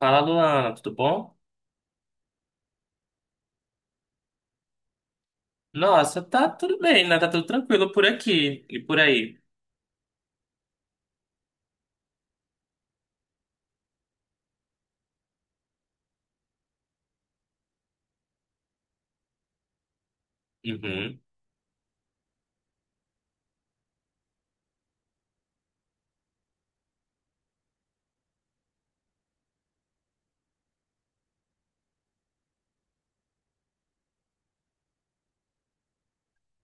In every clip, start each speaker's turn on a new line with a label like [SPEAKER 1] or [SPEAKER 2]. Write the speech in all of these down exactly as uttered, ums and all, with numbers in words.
[SPEAKER 1] Fala, Luana, tudo bom? Nossa, tá tudo bem, né? Tá tudo tranquilo por aqui e por aí. Uhum.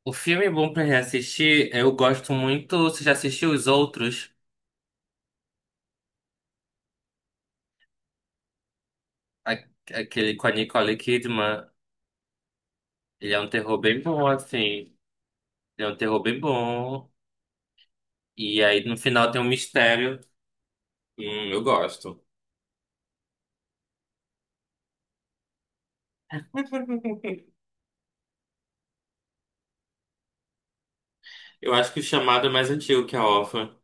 [SPEAKER 1] O filme bom pra reassistir, eu gosto muito. Você já assistiu os outros? A- Aquele com a Nicole Kidman. Ele é um terror bem bom, assim. Ele é um terror bem bom. E aí no final tem um mistério. Hum, eu gosto. Eu acho que o chamado é mais antigo que a órfã.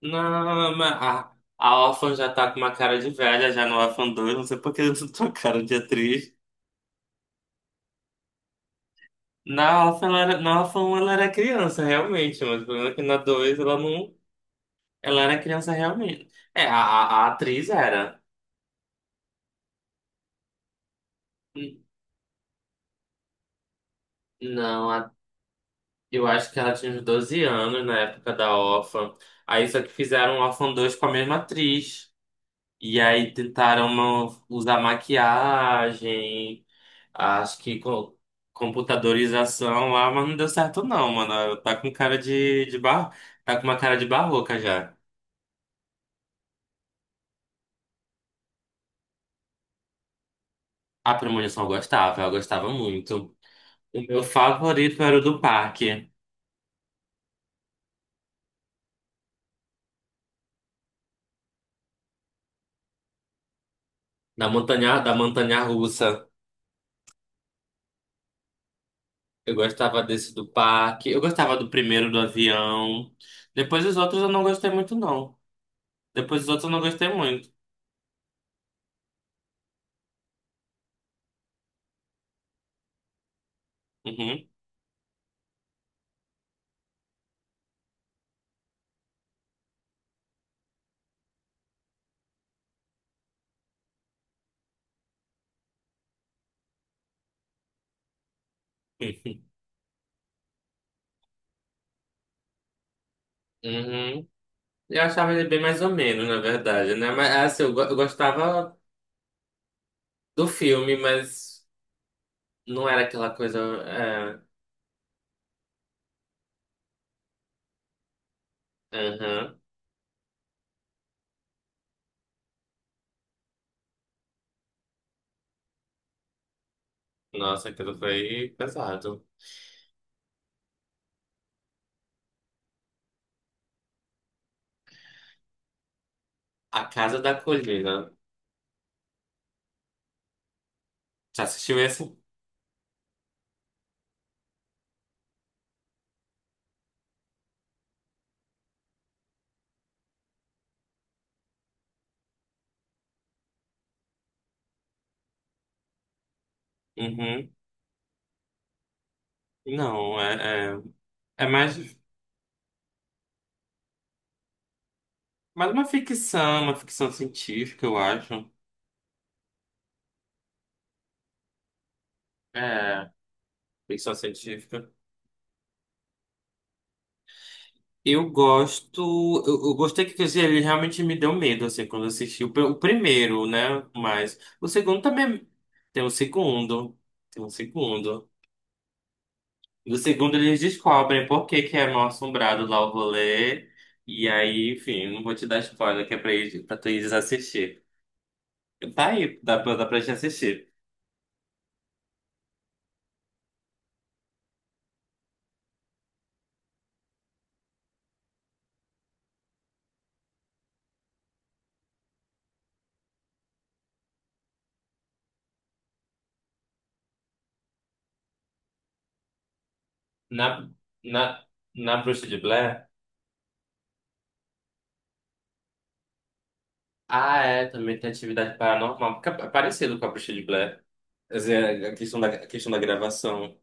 [SPEAKER 1] Não, mas a, a órfã já tá com uma cara de velha já no Órfã dois. Não sei por que eu tô com cara de atriz. Na Orphan, ela era, na Orphan ela era criança, realmente, mas o problema é que na dois ela não. Ela era criança realmente. É, a, a- a atriz era. N- Não, a- eu acho que ela tinha uns doze anos na época da Orphan. Aí só que fizeram Orphan dois com a mesma atriz. E aí tentaram uma- usar maquiagem, acho que co- computadorização lá, mas não deu certo não, mano. Tá com cara de, de bar... Tá com uma cara de barroca já. A premonição eu gostava, eu gostava muito. O meu favorito era o do parque, da montanha, da montanha russa. Eu gostava desse do parque. Eu gostava do primeiro do avião. Depois os outros eu não gostei muito, não. Depois os outros eu não gostei muito. Uhum. Uhum. Eu achava ele bem mais ou menos, na verdade, né? Mas é assim, eu, go- eu gostava do filme, mas não era aquela coisa. É... aham. Nossa, aquilo foi pesado. A Casa da Colina. Já assistiu esse? Uhum. Não, é, é, é mais, mais uma ficção, uma ficção científica, eu acho. É, ficção científica. Eu gosto, eu, eu gostei que quer dizer, ele realmente me deu medo, assim, quando eu assisti o, pr- o primeiro, né? Mas o segundo também tem o segundo, tem o segundo. No segundo eles descobrem por que que é mal-assombrado lá o rolê. E aí, enfim, não vou te dar spoiler, que é pra, eles- pra tu ir assistir. Tá aí, dá pra, dá pra gente assistir. Na, na, na Bruxa de Blair? Ah, é, também tem atividade paranormal, porque é parecido com a Bruxa de Blair. Quer dizer, a questão da, a questão da gravação.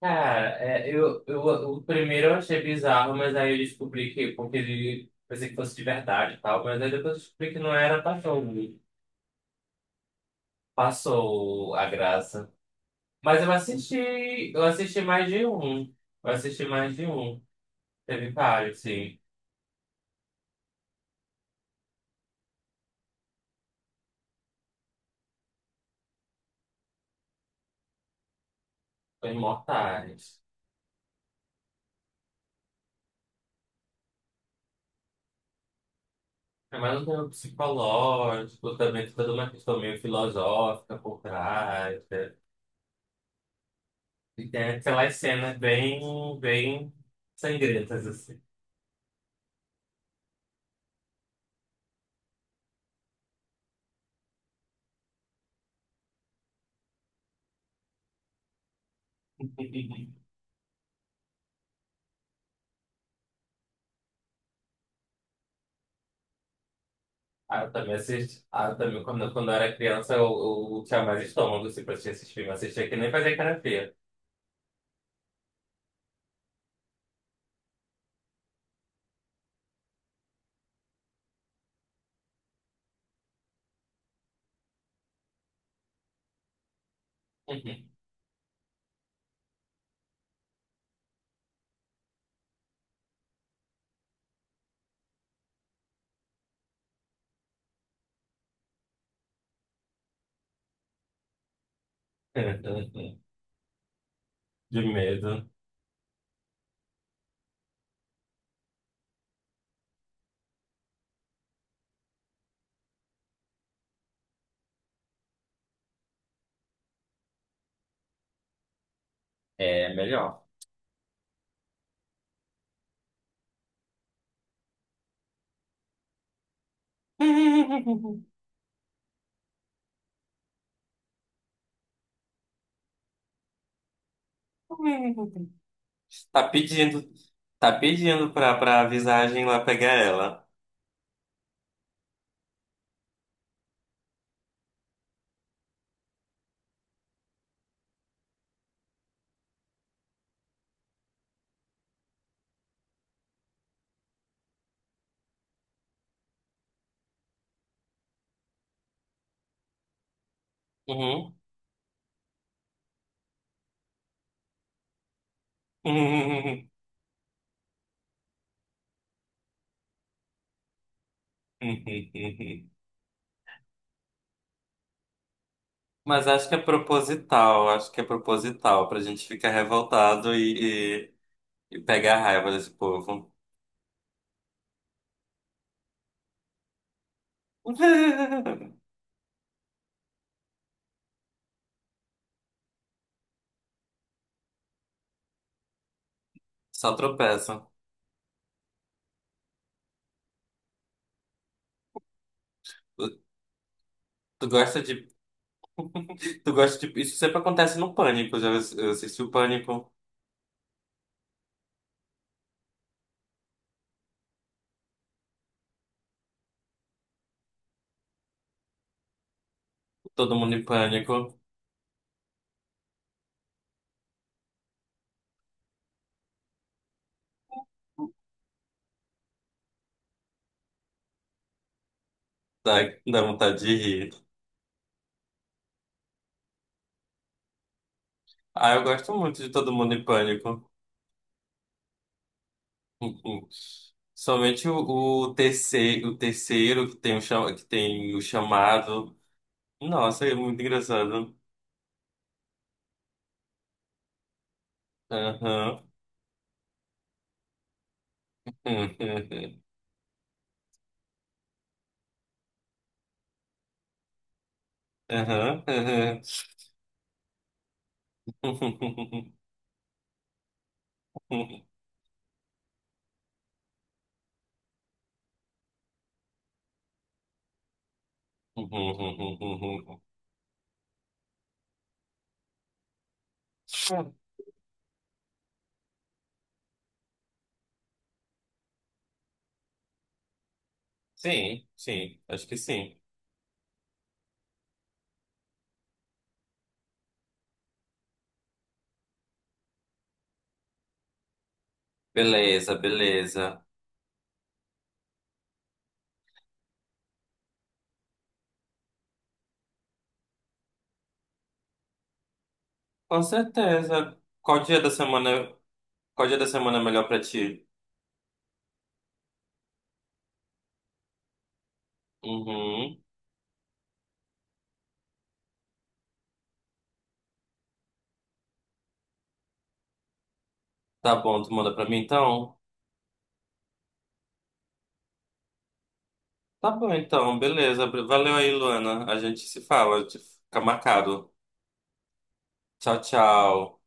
[SPEAKER 1] Cara, é, eu, eu, o primeiro eu achei bizarro, mas aí eu descobri que, porque ele pensei que fosse de verdade e tal, mas aí depois eu descobri que não era, passou, passou a graça. Mas eu assisti, eu assisti mais de um. Eu assisti mais de um. Teve vários, sim. Os imortais. É mais um tema psicológico, também tem toda uma questão meio filosófica por trás, né? E tem aquelas cenas bem, bem sangrentas, assim. Ah, eu também assisti. Ah, eu também, quando, quando eu era criança, eu, eu tinha mais estômago, assim, pra assistir esses filmes. Assistia que nem fazia cara feia. De medo. É melhor. Tá pedindo, tá pedindo pra, pra visagem lá pegar ela. Uhum. Mas acho que é proposital, acho que é proposital pra gente ficar revoltado e, e, e pegar a raiva desse povo. Só tropeça. Tu gosta de, tu gosta de, isso sempre acontece no Pânico, já assi- eu assisti o Pânico, todo mundo em pânico, dá, dá vontade de rir. Ah, eu gosto muito de todo mundo em pânico. Somente o, o terceiro, o terceiro que tem o, cha- que tem o chamado. Nossa, é muito engraçado. Aham. Aham. Aham. Aham. Sim, sim, acho que sim. Beleza, beleza. Com certeza. Qual dia da semana, qual dia da semana é melhor pra ti? Uhum. Tá bom, tu manda pra mim então? Tá bom então, beleza. Valeu aí, Luana. A gente se fala, a gente fica marcado. Tchau, tchau.